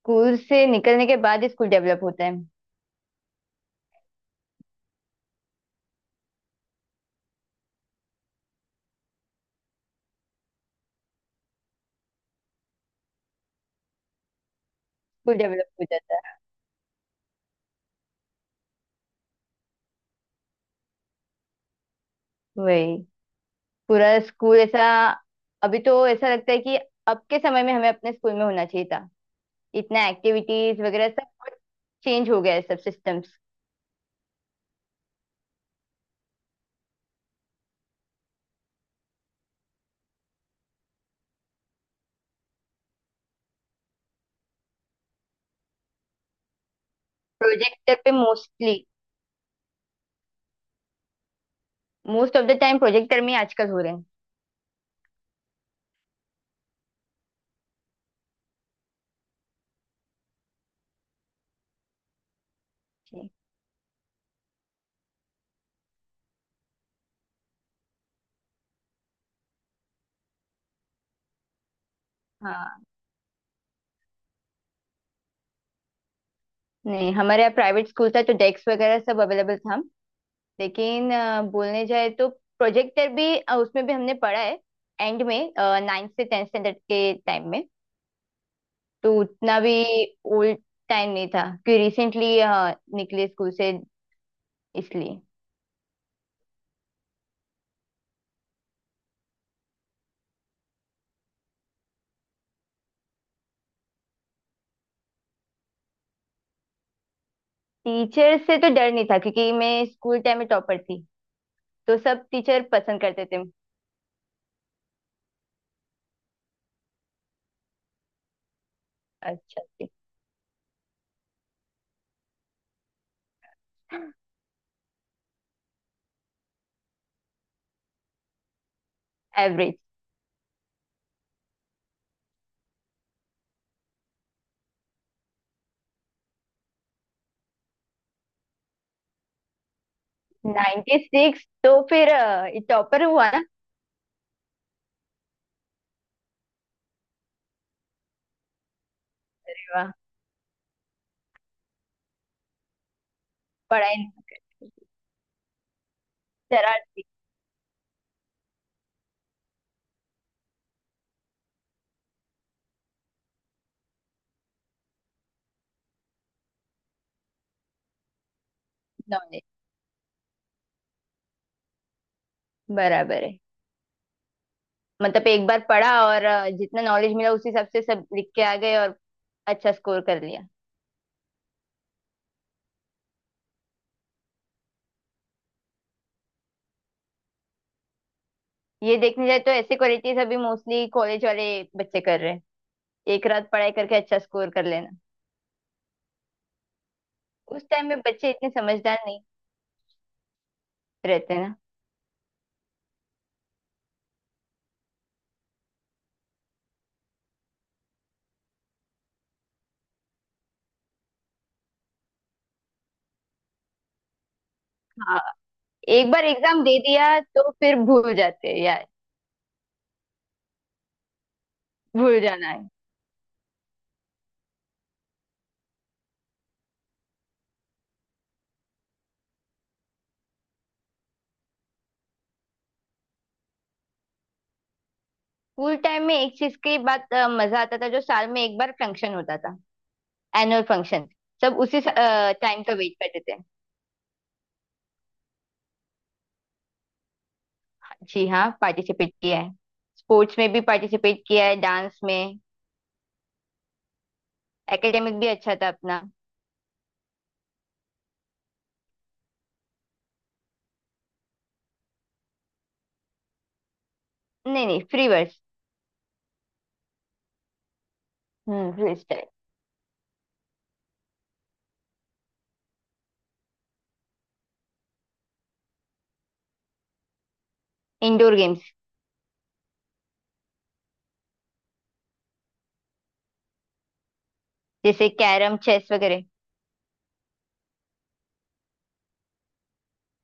School से निकलने के बाद ही स्कूल डेवलप होता है। स्कूल डेवलप हो जाता है। वही। पूरा स्कूल ऐसा। अभी तो ऐसा लगता है कि अब के समय में हमें अपने स्कूल में होना चाहिए था। इतना एक्टिविटीज वगैरह सब बहुत चेंज हो गया है सब सिस्टम्स। प्रोजेक्टर पे mostly most of the time projector में ही आजकल हो रहे हैं। जी। हाँ। नहीं हमारे यहाँ प्राइवेट स्कूल था तो डेस्क वगैरह सब अवेलेबल था। लेकिन बोलने जाए तो प्रोजेक्टर भी उसमें भी हमने पढ़ा है एंड में नाइन्थ से टेंथ स्टैंडर्ड के टाइम में। तो उतना भी ओल्ड टाइम नहीं था कि रिसेंटली हाँ निकले स्कूल से इसलिए। टीचर से तो डर नहीं था क्योंकि मैं स्कूल टाइम में टॉपर थी। तो सब टीचर पसंद करते थे। अच्छा थी। एवरेज। 96 सिक्स तो फिर टॉपर हुआ ना। वाह, पढ़ाई नहीं करती। शरारती। नॉलेज बराबर है। मतलब एक बार पढ़ा और जितना नॉलेज मिला उस हिसाब से सब लिख के आ गए और अच्छा स्कोर कर लिया। ये देखने जाए तो ऐसे क्वालिटीज अभी मोस्टली कॉलेज वाले बच्चे कर रहे हैं। एक रात पढ़ाई करके अच्छा स्कोर कर लेना। उस टाइम में बच्चे इतने समझदार नहीं रहते ना। हाँ। एक बार एग्जाम दे दिया तो फिर भूल जाते हैं यार। भूल जाना है। स्कूल टाइम में एक चीज की बात मजा आता था जो साल में एक बार फंक्शन होता था। Annual function. सब उसी टाइम का वेट करते थे। जी हाँ पार्टिसिपेट किया है। स्पोर्ट्स में भी पार्टिसिपेट किया है डांस में। एकेडमिक भी अच्छा था अपना। नहीं नहीं free verse. Free style. Indoor games. जैसे कैरम चेस वगैरह।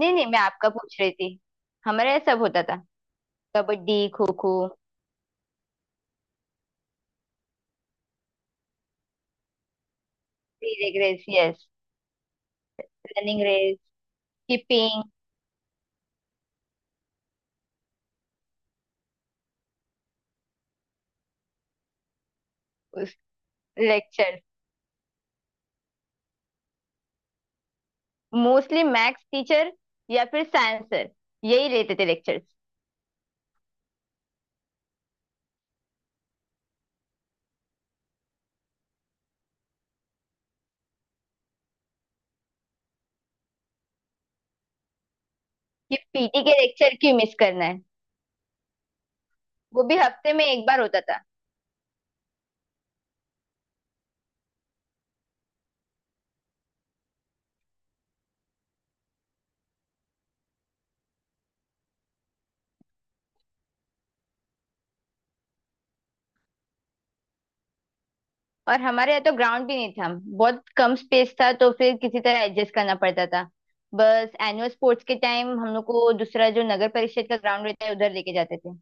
नहीं नहीं मैं आपका पूछ रही थी। हमारे यहाँ सब होता था। कबड्डी खो खो। टीरेग race yes. Running race. Skipping. Lecture. Mostly maths teacher या फिर साइंस सर यही लेते थे लेक्चर्स। कि पीटी के लेक्चर क्यों मिस करना है। वो भी हफ्ते में एक बार होता था। और हमारे यहाँ तो ग्राउंड भी नहीं था। बहुत कम स्पेस था तो फिर किसी तरह एडजस्ट करना पड़ता था। बस एनुअल स्पोर्ट्स के टाइम हम लोग को दूसरा जो नगर परिषद का ग्राउंड रहता है उधर लेके जाते थे।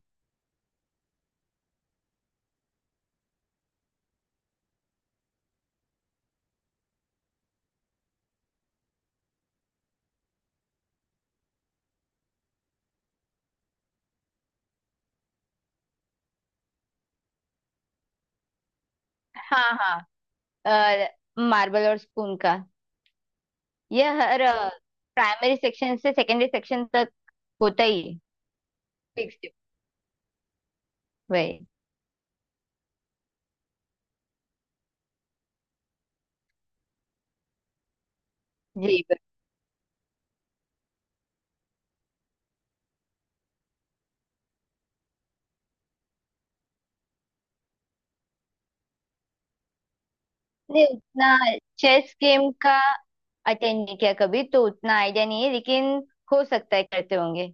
हाँ हाँ। मार्बल और स्पून का। ये हर प्राइमरी सेक्शन से सेकेंडरी सेक्शन तक होता ही है। फिक्स्ड। वही। जी बिल्कुल। नहीं, उतना चेस गेम का अटेंड नहीं किया कभी तो उतना आइडिया नहीं है। लेकिन हो सकता है करते होंगे।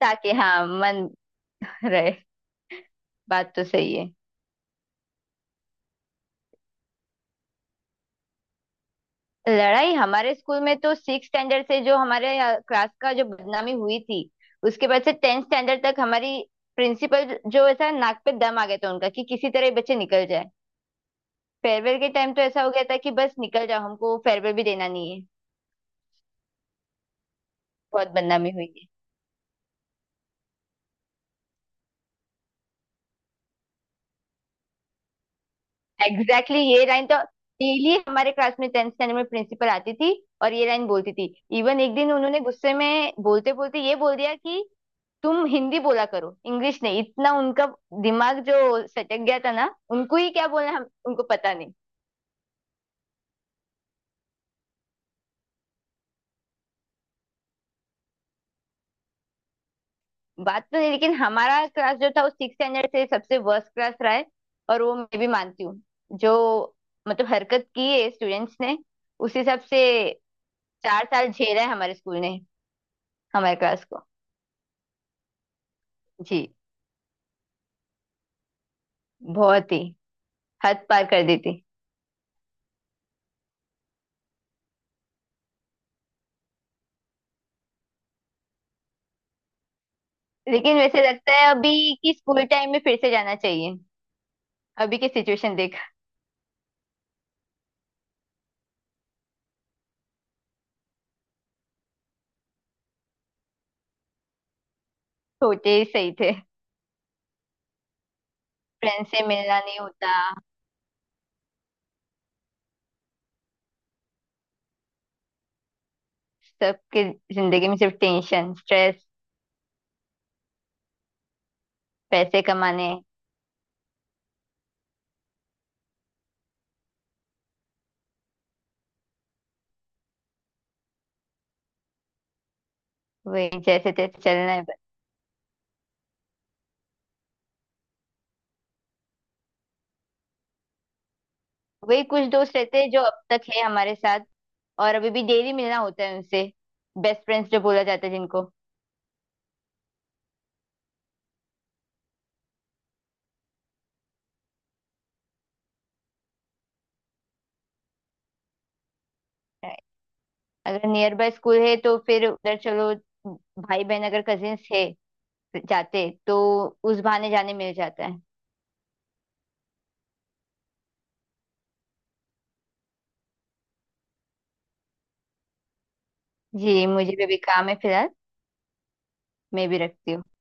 ताकि हाँ मन रहे। बात तो सही है। लड़ाई हमारे स्कूल में तो सिक्स स्टैंडर्ड से जो हमारे क्लास का जो बदनामी हुई थी उसके बाद से टेंथ स्टैंडर्ड तक हमारी प्रिंसिपल जो ऐसा नाक पे दम आ गया था उनका कि किसी तरह ये बच्चे निकल जाए। फेयरवेल के टाइम तो ऐसा हो गया था कि बस निकल जाओ हमको फेयरवेल भी देना नहीं है। बहुत बदनामी हुई है। Exactly exactly। ये लाइन तो डेली हमारे क्लास में टेंथ स्टैंडर्ड में प्रिंसिपल आती थी और ये लाइन बोलती थी। इवन एक दिन उन्होंने गुस्से में बोलते बोलते ये बोल दिया कि तुम हिंदी बोला करो इंग्लिश नहीं। इतना उनका दिमाग जो सटक गया था ना उनको ही क्या बोलना हम उनको पता। बात तो है लेकिन हमारा क्लास जो था वो सिक्स स्टैंडर्ड से सबसे वर्स्ट क्लास रहा है। और वो मैं भी मानती हूँ जो मतलब हरकत की है स्टूडेंट्स ने उस हिसाब से। चार साल झेला है हमारे स्कूल ने हमारे क्लास को। जी बहुत ही हद पार कर दी थी। लेकिन वैसे लगता है अभी कि स्कूल टाइम में फिर से जाना चाहिए। अभी की सिचुएशन देख छोटे ही सही थे। फ्रेंड से मिलना नहीं होता। सबके जिंदगी में सिर्फ टेंशन स्ट्रेस पैसे कमाने। वही जैसे तैसे चलना है। वही कुछ दोस्त रहते हैं जो अब तक है हमारे साथ और अभी भी डेली मिलना होता है उनसे। बेस्ट फ्रेंड्स जो बोला जाता है जिनको अगर नियर बाय स्कूल है तो फिर उधर चलो। भाई बहन अगर कजिन्स है जाते तो उस बहाने जाने मिल जाता है। जी मुझे भी अभी काम है फिलहाल। मैं भी रखती हूँ।